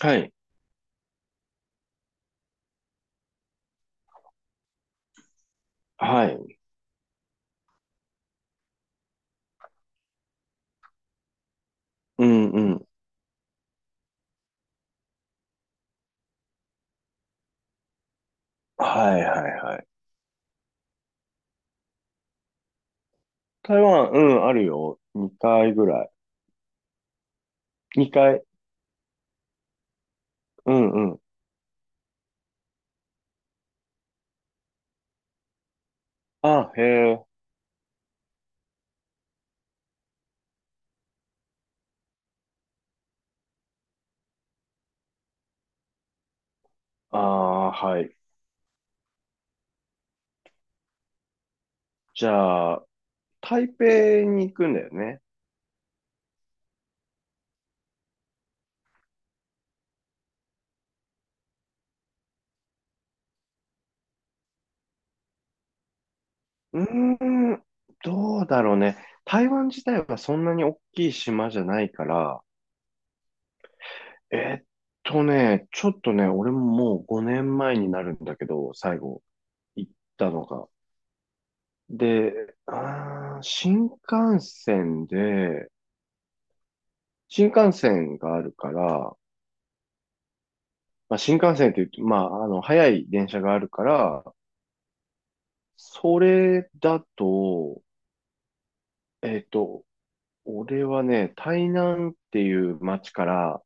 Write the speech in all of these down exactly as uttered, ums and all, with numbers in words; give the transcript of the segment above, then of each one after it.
はい。はい。うんうん。はいはいはい。台湾、うん、あるよ。にかいぐらい。にかい。うんうん。あ、へえ。ああ、はい。じゃあ、台北に行くんだよね。うーん、どうだろうね。台湾自体はそんなに大きい島じゃないから、えーっとね、ちょっとね、俺ももうごねんまえになるんだけど、最後行ったのが。で、あー、新幹線で、新幹線があるから、まあ、新幹線って言うと、まあ、あの、早い電車があるから、それだと、えっと、俺はね、台南っていう街から、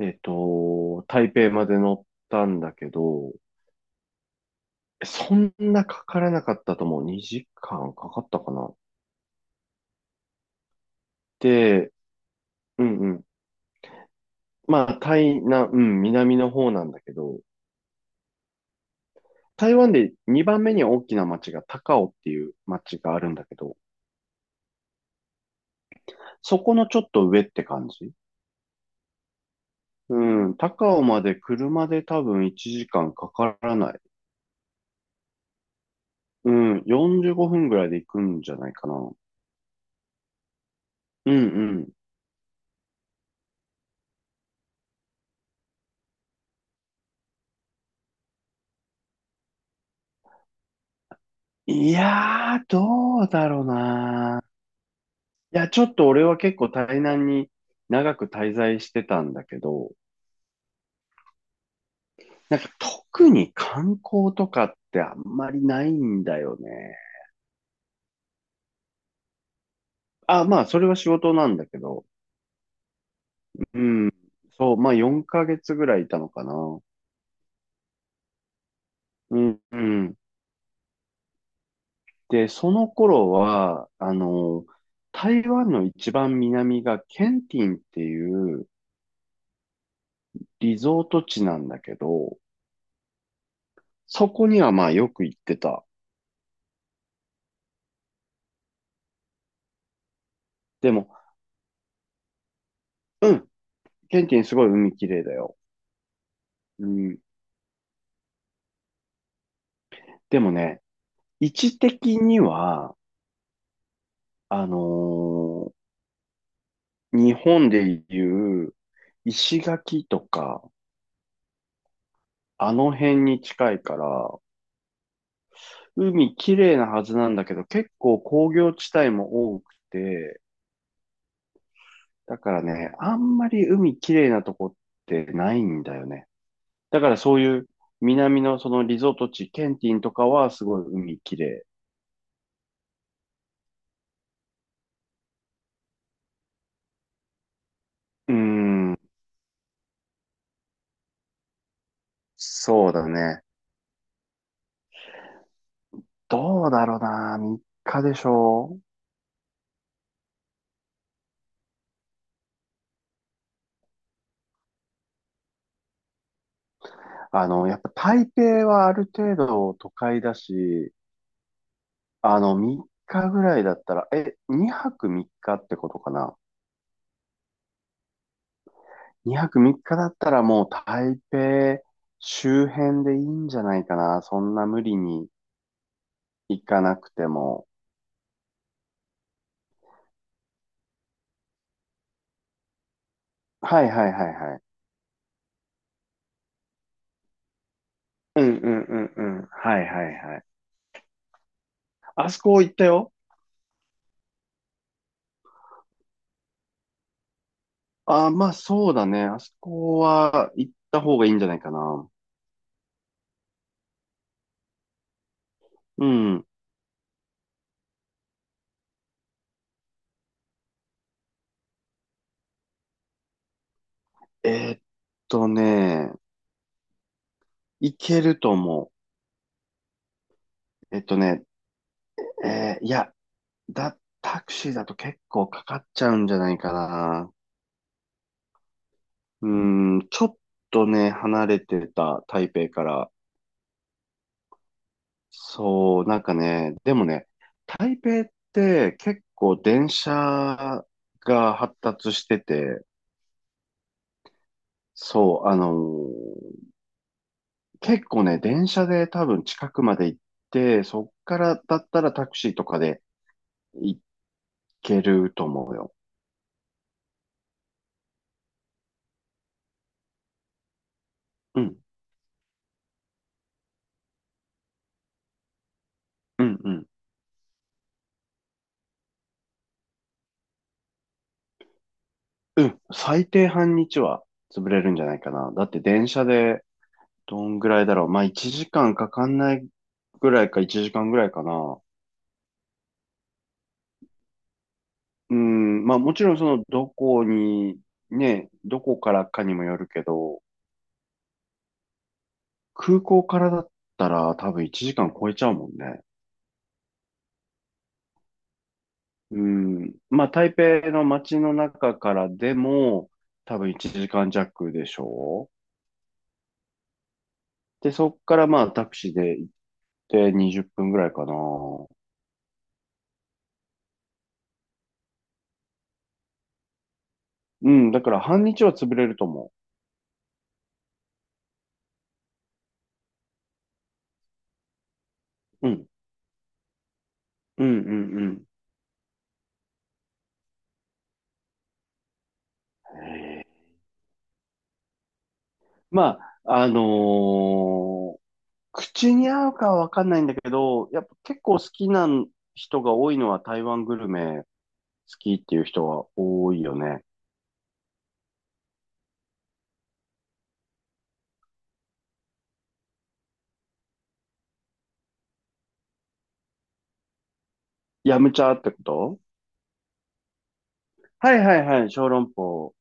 えっと、台北まで乗ったんだけど、そんなかからなかったと思う。にじかんかかったかな。で、うんうん。まあ、台南、うん、南の方なんだけど、台湾でにばんめに大きな街が高雄っていう街があるんだけど、そこのちょっと上って感じ。うん。高尾まで車で多分いちじかんかんかからない。うん。よんじゅうごふんぐらいで行くんじゃないかな。うんうん。いやー、どうだろうな。いや、ちょっと俺は結構台南に長く滞在してたんだけど、なんか特に観光とかってあんまりないんだよね。あ、まあ、それは仕事なんだけど。うん。そう、まあよんかげつぐらいいたのかな。うん、うん。で、その頃は、あの、台湾の一番南がケンティンっていうリゾート地なんだけど、そこにはまあよく行ってた。でも、うん、ケンティンすごい海綺麗だよ。うん、でもね、位置的には、あのー日本でいう石垣とか、あの辺に近いから、海綺麗なはずなんだけど、結構工業地帯も多くて、だからね、あんまり海きれいなとこってないんだよね。だからそういう南のそのリゾート地、ケンティンとかはすごい海きれい。うーん、そうだね。どうだろうな、みっかでしょ？あの、やっぱ台北はある程度都会だし、あの、みっかぐらいだったら、え、にはくみっかっかってことかな。にはくみっかだったらもう台北周辺でいいんじゃないかな。そんな無理に行かなくても。はいはいはいはい。うんうんうんうん。はいはいはい。あそこ行ったよ。ああ、まあそうだね。あそこは行った方がいいんじゃないかな。うん。えーっとね、行けると思う。えっとね、えーいや、だ、タクシーだと結構かかっちゃうんじゃないかな。うん、ちょっとね、離れてた台北から。そう、なんかね、でもね、台北って結構電車が発達してて、そう、あのー結構ね、電車で多分近くまで行って、そっからだったらタクシーとかで行けると思うよ。うん、うん、うん。うん、最低半日は潰れるんじゃないかな。だって電車でどんぐらいだろう。まあいちじかんかんかかんないぐらいかいちじかんぐらいかな。うん、まあもちろんそのどこに、ね、どこからかにもよるけど、空港からだったら多分いちじかん超えちゃうもんね。うん、まあ台北の街の中からでも多分いちじかん弱でしょう。で、そっからまあタクシーで行ってにじゅっぷんぐらいかな。うん、だから半日は潰れると思う。うん、うん、うん、うん。まあ、あのー口に合うかはわかんないんだけど、やっぱ結構好きな人が多いのは台湾グルメ好きっていう人は多いよね。ヤムチャってこと？はいはいはい、小籠包。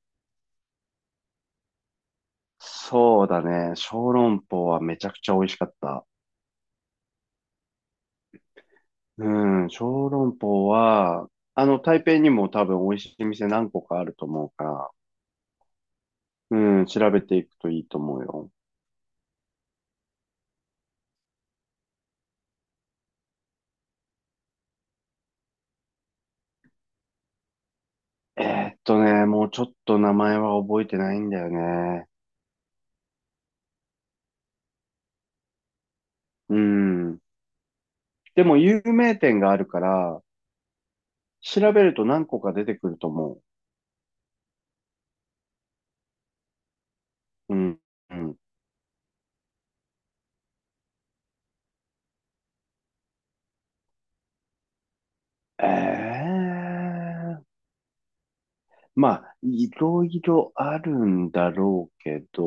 そうだね。小籠包はめちゃくちゃ美味しかった。うん、小籠包は、あの、台北にも多分美味しい店何個かあると思うから、うん、調べていくといいと思うよ。えーっとね、もうちょっと名前は覚えてないんだよね。うん。でも有名店があるから、調べると何個か出てくると思う。うん。うん。ええまあ、いろいろあるんだろうけど、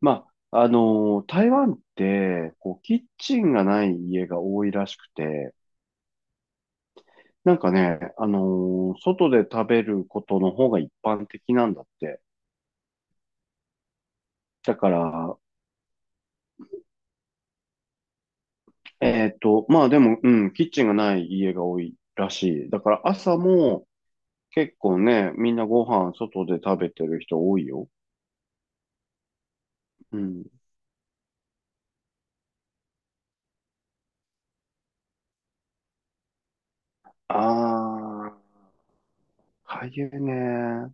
まあ、あの台湾って、こう、キッチンがない家が多いらしくて、なんかね、あの外で食べることの方が一般的なんだって。だから、えっと、まあでも、うん、キッチンがない家が多いらしい。だから朝も、結構ね、みんなご飯外で食べてる人多いよ。うん。ああ、かゆね。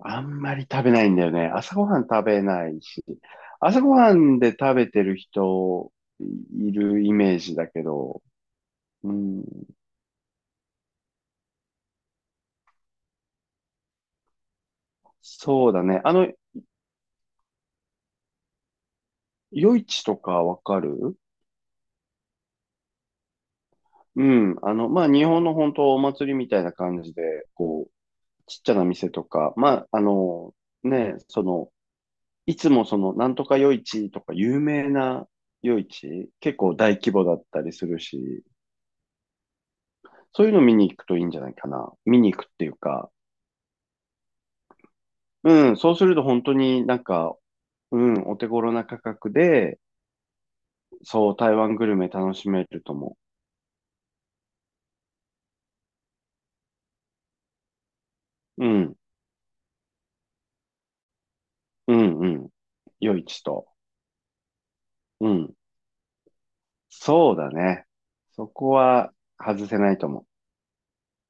あんまり食べないんだよね。朝ごはん食べないし。朝ごはんで食べてる人いるイメージだけど。うん。そうだね。あの、夜市とかわかる？うん。あの、まあ、日本の本当お祭りみたいな感じで、こう、ちっちゃな店とか、まあ、あの、ね、その、いつもその、なんとか夜市とか有名な夜市、結構大規模だったりするし、そういうの見に行くといいんじゃないかな。見に行くっていうか、うん、そうすると本当になんか、うん、お手頃な価格で、そう、台湾グルメ楽しめると思う。うん、うん、うん、夜市と。うん、そうだね。そこは外せないと思う。